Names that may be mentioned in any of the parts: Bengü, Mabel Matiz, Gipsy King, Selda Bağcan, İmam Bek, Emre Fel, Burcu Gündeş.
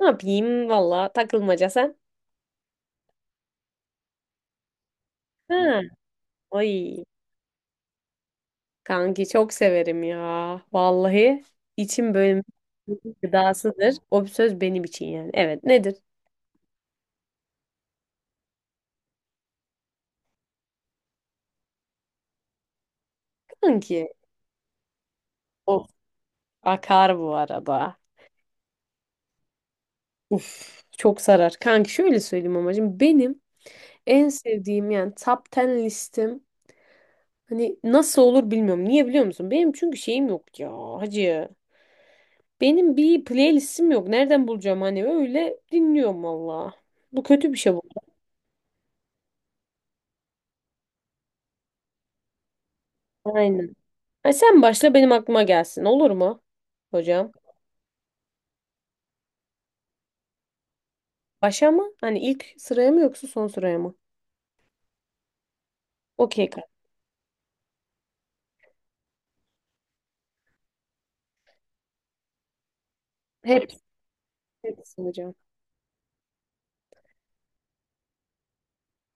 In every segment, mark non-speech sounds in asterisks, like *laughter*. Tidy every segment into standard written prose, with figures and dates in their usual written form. Ne yapayım valla takılmaca sen. Hı. Ha. Ay kanki çok severim ya. Vallahi içim böyle milletin gıdasıdır. O bir söz benim için yani. Evet, nedir? Kanki. Of, akar bu arada. Uf, çok sarar. Kanki şöyle söyleyeyim amacım. Benim en sevdiğim yani top 10 listem hani nasıl olur bilmiyorum. Niye biliyor musun? Benim çünkü şeyim yok ya hacı. Benim bir playlistim yok. Nereden bulacağım hani öyle dinliyorum valla. Bu kötü bir şey bu. Aynen. Ay sen başla benim aklıma gelsin. Olur mu hocam? Başa mı? Hani ilk sıraya mı yoksa son sıraya mı? Okey kanka. Hep, Hepsi hocam.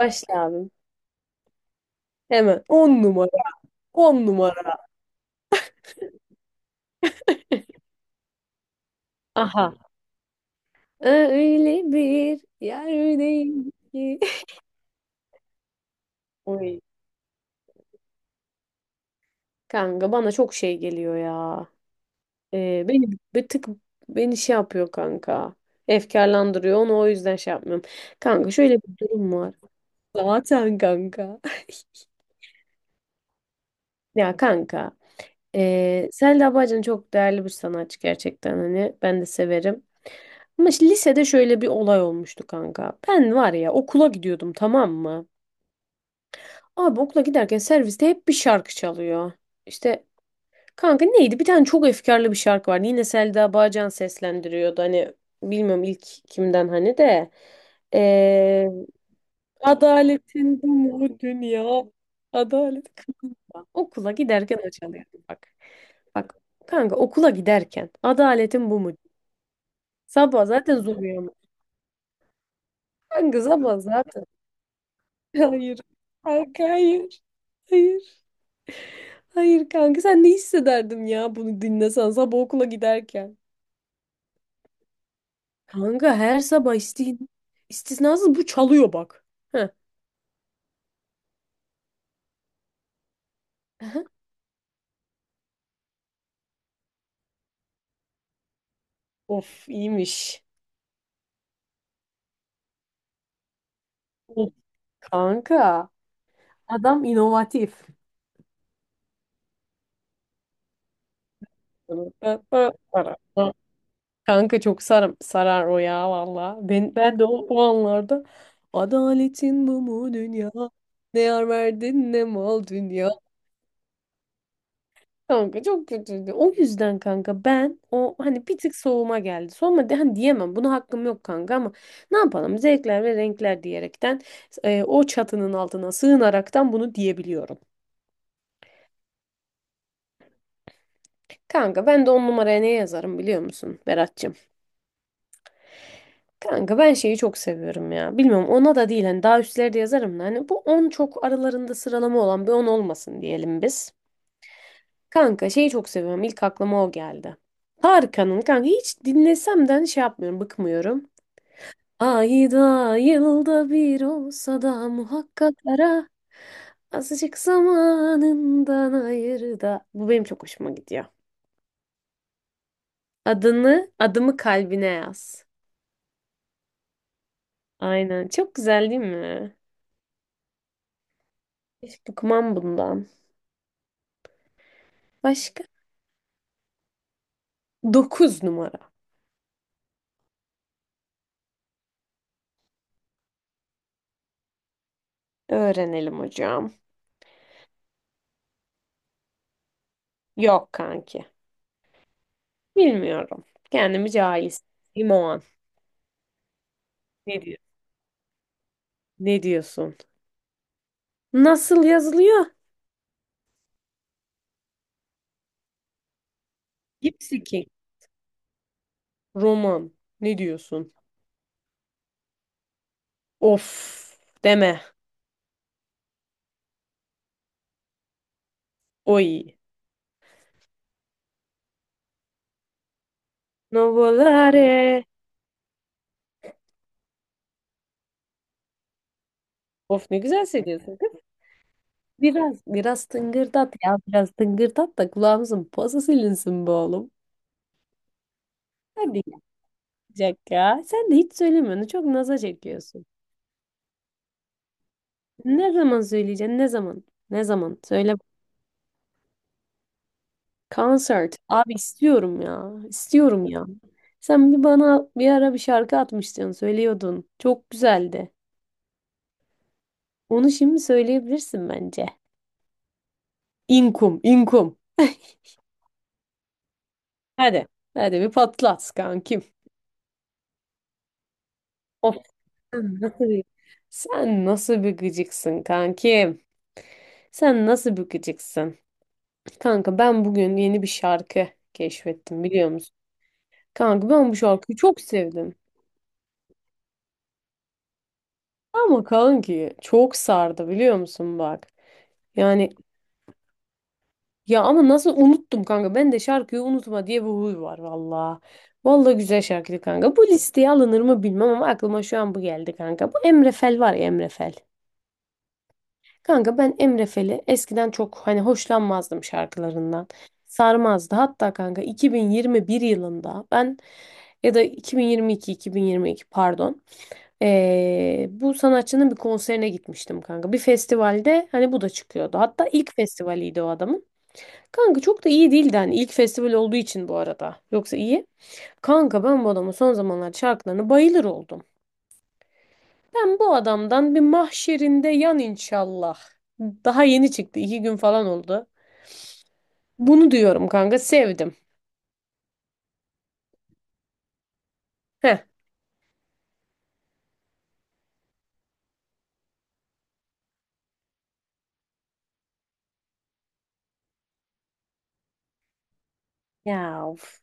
Başla abim. Hemen. On numara. On numara. Aha. Öyle bir yerdeyim ki. *laughs* Oy. Kanka bana çok şey geliyor ya. Beni bir tık beni şey yapıyor kanka. Efkarlandırıyor. Onu o yüzden şey yapmıyorum. Kanka şöyle bir durum var. Zaten kanka. *laughs* Ya kanka. Selda Bağcan çok değerli bir sanatçı gerçekten hani ben de severim. Ama işte lisede şöyle bir olay olmuştu kanka. Ben var ya okula gidiyordum, tamam mı? Abi okula giderken serviste hep bir şarkı çalıyor. İşte kanka neydi? Bir tane çok efkarlı bir şarkı vardı. Yine Selda Bağcan seslendiriyordu. Hani bilmiyorum ilk kimden hani de. Adaletin bu mu dünya. Adalet kılında. Okula giderken açılıyor. Bak. Bak kanka okula giderken adaletin bu mu? Sabah zaten zor uyanmış. Kanka sabah zaten. *laughs* Hayır. Kanka hayır. Hayır. Hayır kanka sen ne hissederdin ya bunu dinlesen sabah okula giderken. Kanka her sabah istisnasız bu çalıyor bak. Heh. Of iyiymiş. Of. Kanka adam inovatif. Kanka çok sarar o ya valla. Ben de o anlarda adaletin bu mu dünya? Ne yar verdin ne mal dünya. Kanka çok kötüydü. O yüzden kanka ben o hani bir tık soğuma geldi. Soğuma de, hani diyemem. Buna hakkım yok kanka ama ne yapalım? Zevkler ve renkler diyerekten o çatının altına sığınaraktan bunu diyebiliyorum. Kanka ben de on numaraya ne yazarım biliyor musun Berat'cığım? Kanka ben şeyi çok seviyorum ya. Bilmiyorum ona da değil hani daha üstlerde yazarım da hani bu on çok aralarında sıralama olan bir 10 olmasın diyelim biz. Kanka şeyi çok seviyorum. İlk aklıma o geldi. Tarkan'ın kanka hiç dinlesemden şey yapmıyorum, bıkmıyorum. Ayda yılda bir olsa da muhakkak ara azıcık zamanından ayır da. Bu benim çok hoşuma gidiyor. Adımı kalbine yaz. Aynen. Çok güzel değil mi? Hiç bıkmam bundan. Başka? 9 numara. Öğrenelim hocam. Yok kanki. Bilmiyorum. Kendimi cahil hissettiğim o an. Ne diyor? Ne diyorsun? Nasıl yazılıyor? Gipsy King. Roman. Ne diyorsun? Of, deme. Oy. Novolare. Of ne güzel söylüyorsun kız. Biraz tıngırdat ya. Biraz tıngırdat da kulağımızın pası silinsin be oğlum. Hadi yapacak ya. Sen de hiç söylemiyorsun. Çok naza çekiyorsun. Ne zaman söyleyeceksin? Ne zaman? Ne zaman? Söyle konsert. Abi istiyorum ya. İstiyorum ya. Sen bir bana bir ara bir şarkı atmıştın, söylüyordun. Çok güzeldi. Onu şimdi söyleyebilirsin bence. İnkum. *laughs* Hadi. Hadi bir patlat kankim. Of. Sen nasıl bir, Sen nasıl bir gıcıksın kankim? Sen nasıl bir gıcıksın? Kanka ben bugün yeni bir şarkı keşfettim biliyor musun? Kanka ben bu şarkıyı çok sevdim. Ama kanki çok sardı biliyor musun bak. Yani ya ama nasıl unuttum kanka. Ben de şarkıyı unutma diye bir huy var valla. Valla güzel şarkıydı kanka. Bu listeye alınır mı bilmem ama aklıma şu an bu geldi kanka. Bu Emre Fel var ya Emre Fel. Kanka ben Emre Fel'i eskiden çok hani hoşlanmazdım şarkılarından. Sarmazdı. Hatta kanka 2021 yılında ben ya da 2022 pardon. Bu sanatçının bir konserine gitmiştim kanka. Bir festivalde hani bu da çıkıyordu. Hatta ilk festivaliydi o adamın. Kanka çok da iyi değildi hani ilk festival olduğu için bu arada. Yoksa iyi. Kanka ben bu adamın son zamanlar şarkılarına bayılır oldum. Ben bu adamdan bir mahşerinde yan inşallah. Daha yeni çıktı. İki gün falan oldu. Bunu diyorum kanka sevdim. Heh. Ya of.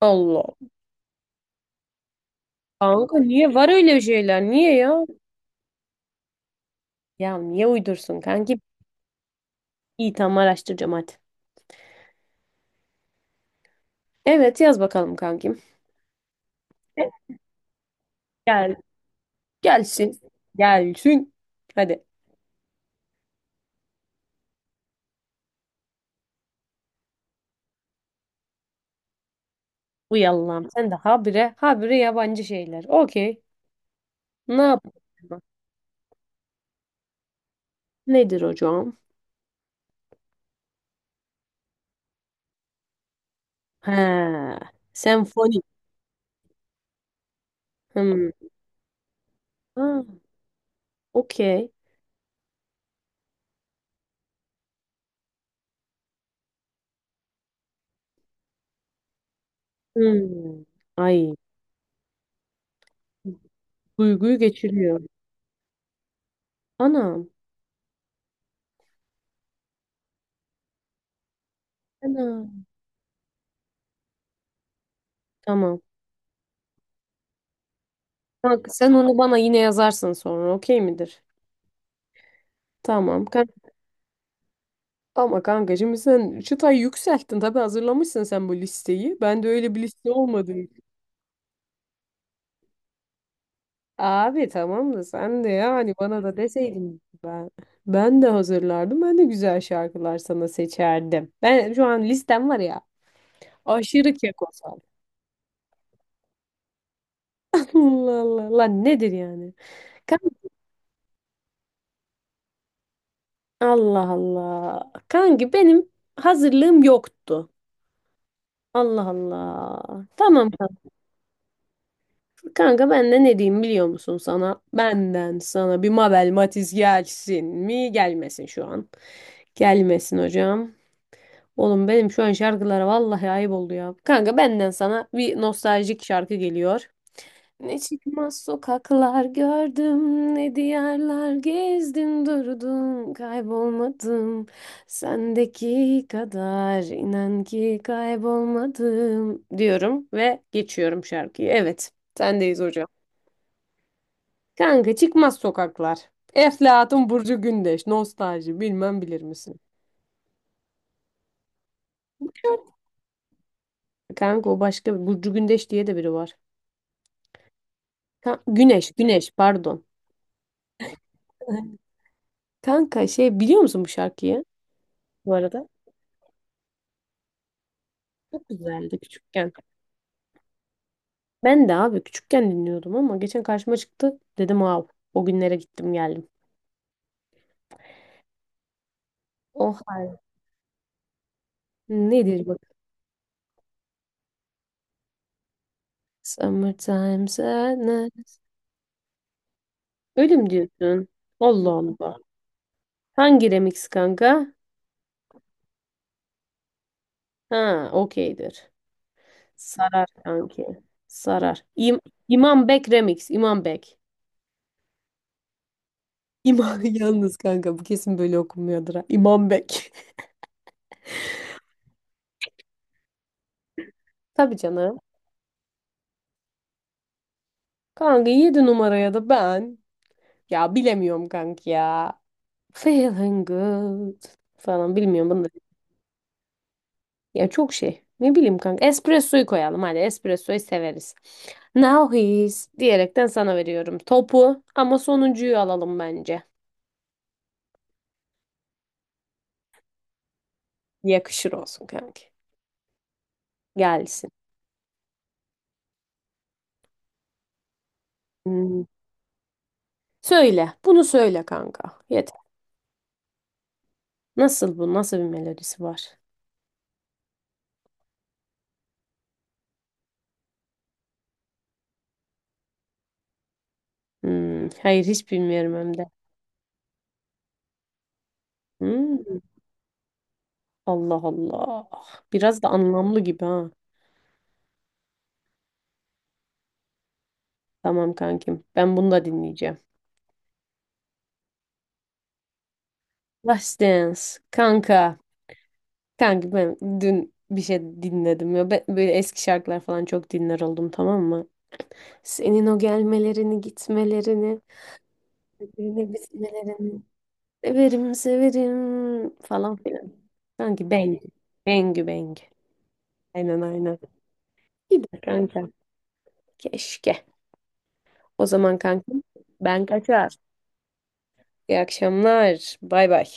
Allah. Kanka niye var öyle şeyler? Niye ya? Ya niye uydursun kanki? İyi tamam araştıracağım hadi. Evet yaz bakalım kankim. Gel. Gelsin. Gelsin. Hadi. Uy Allah'ım sen de habire habire yabancı şeyler. Okey. Ne yapalım? Nedir hocam? He. Senfoni. Hmm. Ha, okey. Hmm. Ay. Duyguyu geçiriyor. Anam. Anam. Tamam. Kanka sen onu bana yine yazarsın sonra. Okey midir? Tamam. Kanka. Ama kanka şimdi sen çıtayı yükselttin. Tabii hazırlamışsın sen bu listeyi. Ben de öyle bir liste olmadı. Abi tamam da sen de yani bana da deseydin *laughs* ben de hazırlardım. Ben de güzel şarkılar sana seçerdim. Ben şu an listem var ya. Aşırı kekozal. *laughs* Allah Allah. Lan *laughs* nedir yani? Kan- Allah Allah. Kanki benim hazırlığım yoktu. Allah Allah. Tamam kanka. Kanka ben de ne diyeyim biliyor musun sana? Benden sana bir Mabel Matiz gelsin mi? Gelmesin şu an. Gelmesin hocam. Oğlum benim şu an şarkılara vallahi ayıp oldu ya. Kanka benden sana bir nostaljik şarkı geliyor. Ne çıkmaz sokaklar gördüm, ne diyarlar gezdim durdum, kaybolmadım. Sendeki kadar inan ki kaybolmadım diyorum ve geçiyorum şarkıyı. Evet, sendeyiz hocam. Kanka çıkmaz sokaklar. Eflatun Burcu Gündeş, nostalji bilmem bilir misin? Kanka o başka bir Burcu Gündeş diye de biri var. Ka- Güneş, Güneş pardon. Kanka şey biliyor musun bu şarkıyı bu arada? Çok güzeldi küçükken. Ben de abi küçükken dinliyordum ama geçen karşıma çıktı. Dedim wow o günlere gittim geldim. O hal. Nedir bak? Summertime Sadness. Öyle mi diyorsun? Allah Allah. Hangi remix kanka? Ha okeydir. Sarar kanki. Sarar. İmam Bek remix. İmam Bek. İmam *laughs* yalnız kanka bu kesin böyle okunmuyordur ha. İmam Bek. *laughs* Tabii canım. Kanka 7 numaraya da ben. Ya bilemiyorum kanka ya. Feeling good falan bilmiyorum bunu da. Ya çok şey. Ne bileyim kanka. Espresso'yu koyalım hadi. Espresso'yu severiz. Now he's diyerekten sana veriyorum topu ama sonuncuyu alalım bence. Yakışır olsun kanka. Gelsin. Hmm. Söyle. Bunu söyle kanka. Yeter. Nasıl bu? Nasıl bir melodisi var? Hmm. Hayır hiç bilmiyorum hem de. Hmm. Allah Allah. Biraz da anlamlı gibi ha. Tamam kankim. Ben bunu da dinleyeceğim. Last Dance. Kanka. Kanka ben dün bir şey dinledim ya. Ben böyle eski şarkılar falan çok dinler oldum, tamam mı? Senin o gelmelerini, gitmelerini, birbirini bitmelerini. Severim, severim falan filan. Kanki Bengü. Bengü. Aynen aynen. Gider kanka. Keşke. O zaman kankim ben kaçar. İyi akşamlar. Bay bay.